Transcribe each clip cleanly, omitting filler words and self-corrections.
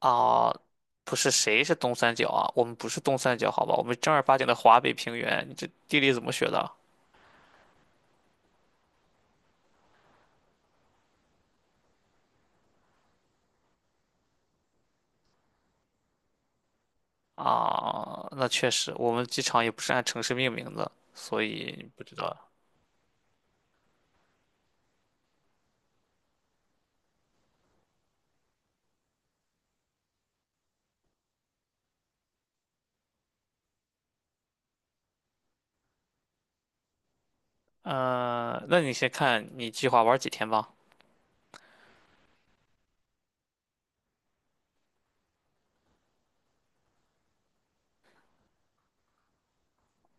啊，不是谁是东三角啊？我们不是东三角，好吧？我们正儿八经的华北平原。你这地理怎么学的？啊，那确实，我们机场也不是按城市命名的，所以不知道。嗯，那你先看你计划玩几天吧。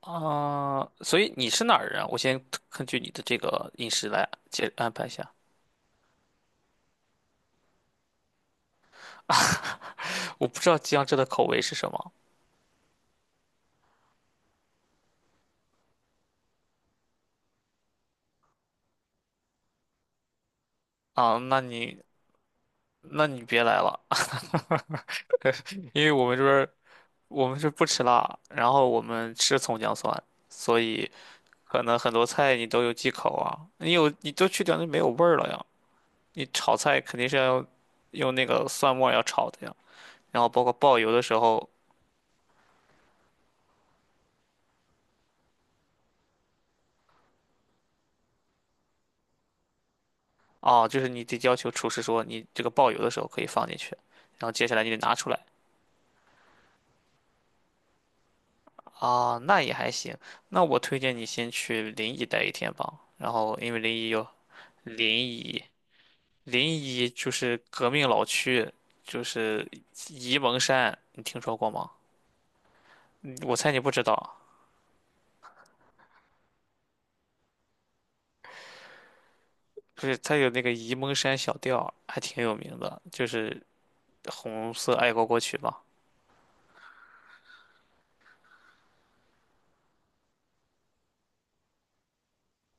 啊，所以你是哪儿人啊我先根据你的这个饮食来接安排一下。我不知道江浙的口味是什么啊，那你别来了，因为我们这边儿我们是不吃辣，然后我们吃葱姜蒜，所以可能很多菜你都有忌口啊。你有你都去掉就没有味儿了呀。你炒菜肯定是要用那个蒜末儿要炒的呀。然后包括爆油的时候，啊，就是你得要求厨师说你这个爆油的时候可以放进去，然后接下来你得拿出来啊。那也还行。那我推荐你先去临沂待一天吧。然后因为临沂有临沂临沂就是革命老区，就是沂蒙山，你听说过吗？嗯我猜你不知道，就是它有那个沂蒙山小调，还挺有名的，就是红色爱国歌曲嘛。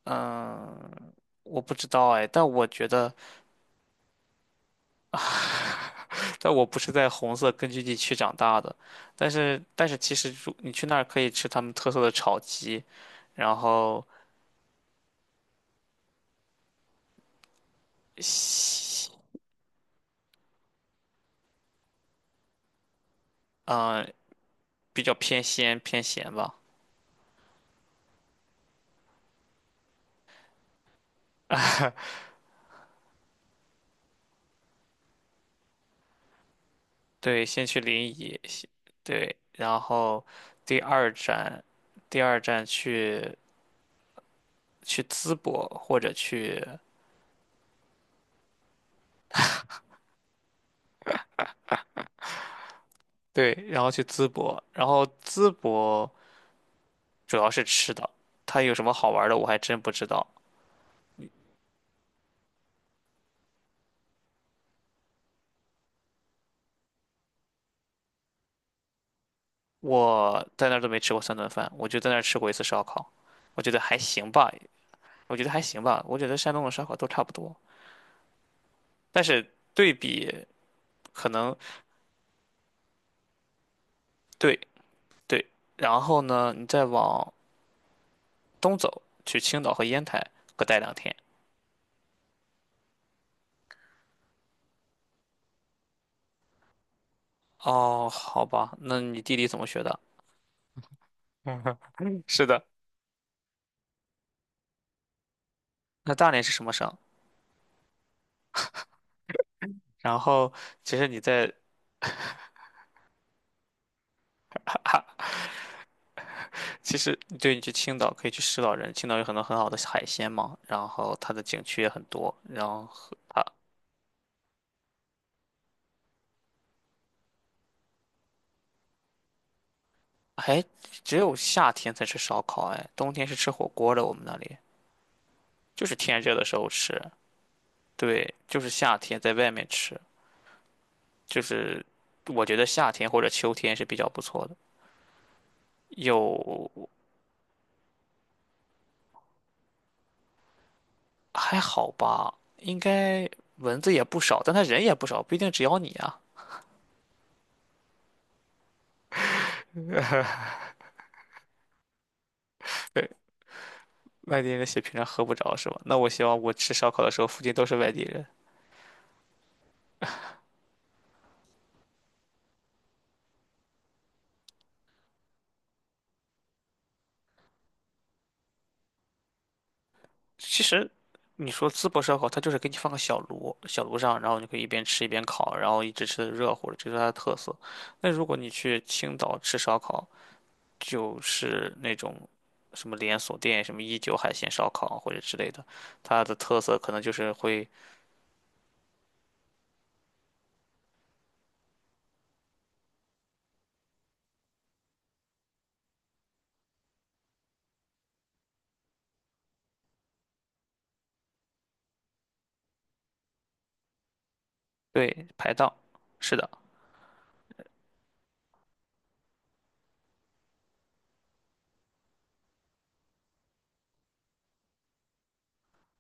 嗯，我不知道哎，但我觉得，但我不是在红色根据地区长大的，但是其实如你去那儿可以吃他们特色的炒鸡，然后西，嗯，比较偏鲜偏咸吧。对，先去临沂，对，然后第二站，第二站去淄博或者去对，然后去淄博，然后淄博主要是吃的，它有什么好玩的我还真不知道。我在那儿都没吃过三顿饭，我就在那儿吃过一次烧烤，我觉得还行吧，我觉得还行吧，我觉得山东的烧烤都差不多，但是对比可能对对，然后呢，你再往东走去青岛和烟台各待2天。哦，好吧，那你地理怎么学的？是的，那大连是什么省？然后，其实你在，其实对你去青岛可以去石老人，青岛有很多很好的海鲜嘛，然后它的景区也很多，然后还只有夏天才吃烧烤，哎，冬天是吃火锅的，我们那里就是天热的时候吃，对，就是夏天在外面吃，就是我觉得夏天或者秋天是比较不错的，有。还好吧，应该蚊子也不少，但他人也不少，不一定只咬你啊。对，外地人的血平常喝不着是吧？那我希望我吃烧烤的时候附近都是外地人。其实你说淄博烧烤，它就是给你放个小炉，小炉上，然后你可以一边吃一边烤，然后一直吃的热乎的，这是它的特色。那如果你去青岛吃烧烤，就是那种什么连锁店，什么一九海鲜烧烤或者之类的，它的特色可能就是会对排档。是的。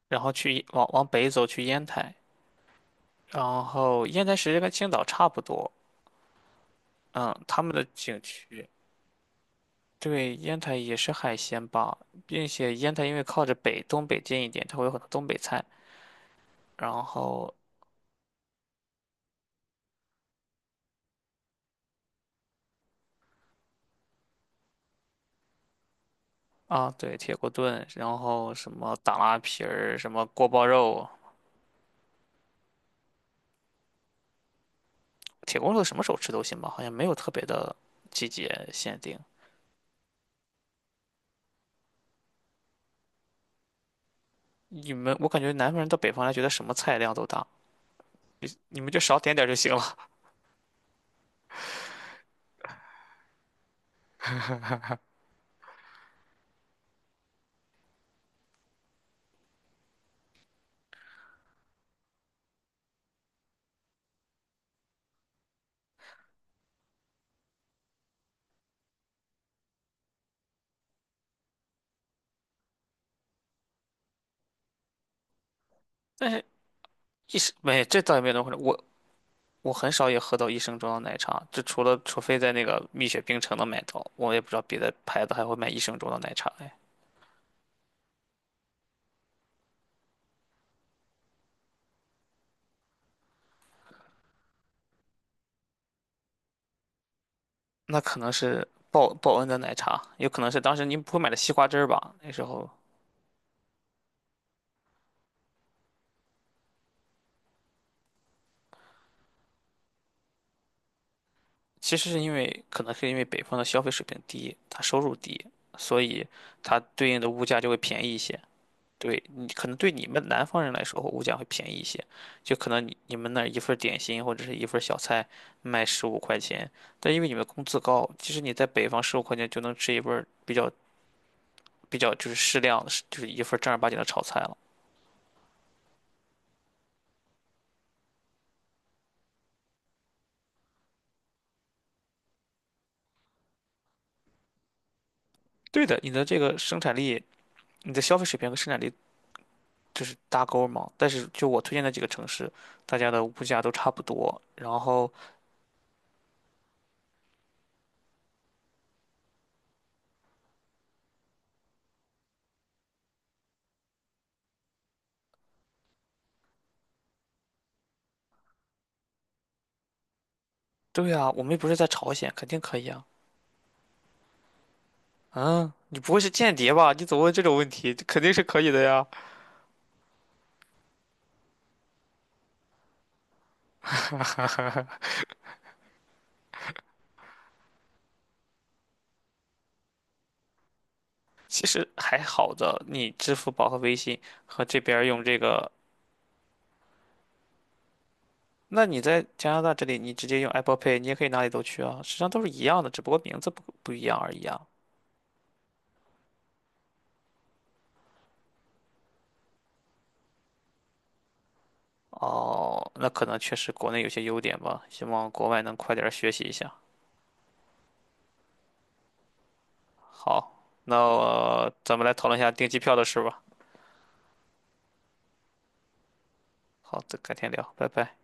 然后去往北走去烟台，然后烟台其实跟青岛差不多，嗯，他们的景区。对，烟台也是海鲜吧，并且烟台因为靠着北东北近一点，它会有很多东北菜。然后啊，对，铁锅炖，然后什么打拉皮儿，什么锅包肉，铁锅炖什么时候吃都行吧，好像没有特别的季节限定。你们，我感觉南方人到北方来，觉得什么菜量都大，你们就少点点儿就行了。但是一时没，这倒也没有那么夸张。我很少也喝到一升装的奶茶，就除了除非在那个蜜雪冰城能买到，我也不知道别的牌子还会卖一升装的奶茶哎。那可能是报恩的奶茶，有可能是当时您不会买的西瓜汁儿吧？那时候其实是因为可能是因为北方的消费水平低，他收入低，所以它对应的物价就会便宜一些。对你可能对你们南方人来说，物价会便宜一些，就可能你们那儿一份儿点心或者是一份儿小菜卖十五块钱，但因为你们工资高，其实你在北方十五块钱就能吃一份儿比较就是适量的，就是一份儿正儿八经的炒菜了。对的，你的这个生产力，你的消费水平和生产力就是搭钩儿嘛。但是就我推荐的几个城市，大家的物价都差不多。然后，对啊，我们又不是在朝鲜，肯定可以啊。嗯，你不会是间谍吧？你怎么问这种问题？肯定是可以的呀。其实还好的，你支付宝和微信和这边儿用这个，那你在加拿大这里，你直接用 Apple Pay，你也可以哪里都去啊，实际上都是一样的，只不过名字不一样而已啊。哦，那可能确实国内有些优点吧，希望国外能快点儿学习一下。好，那，咱们来讨论一下订机票的事吧。好的，改天聊，拜拜。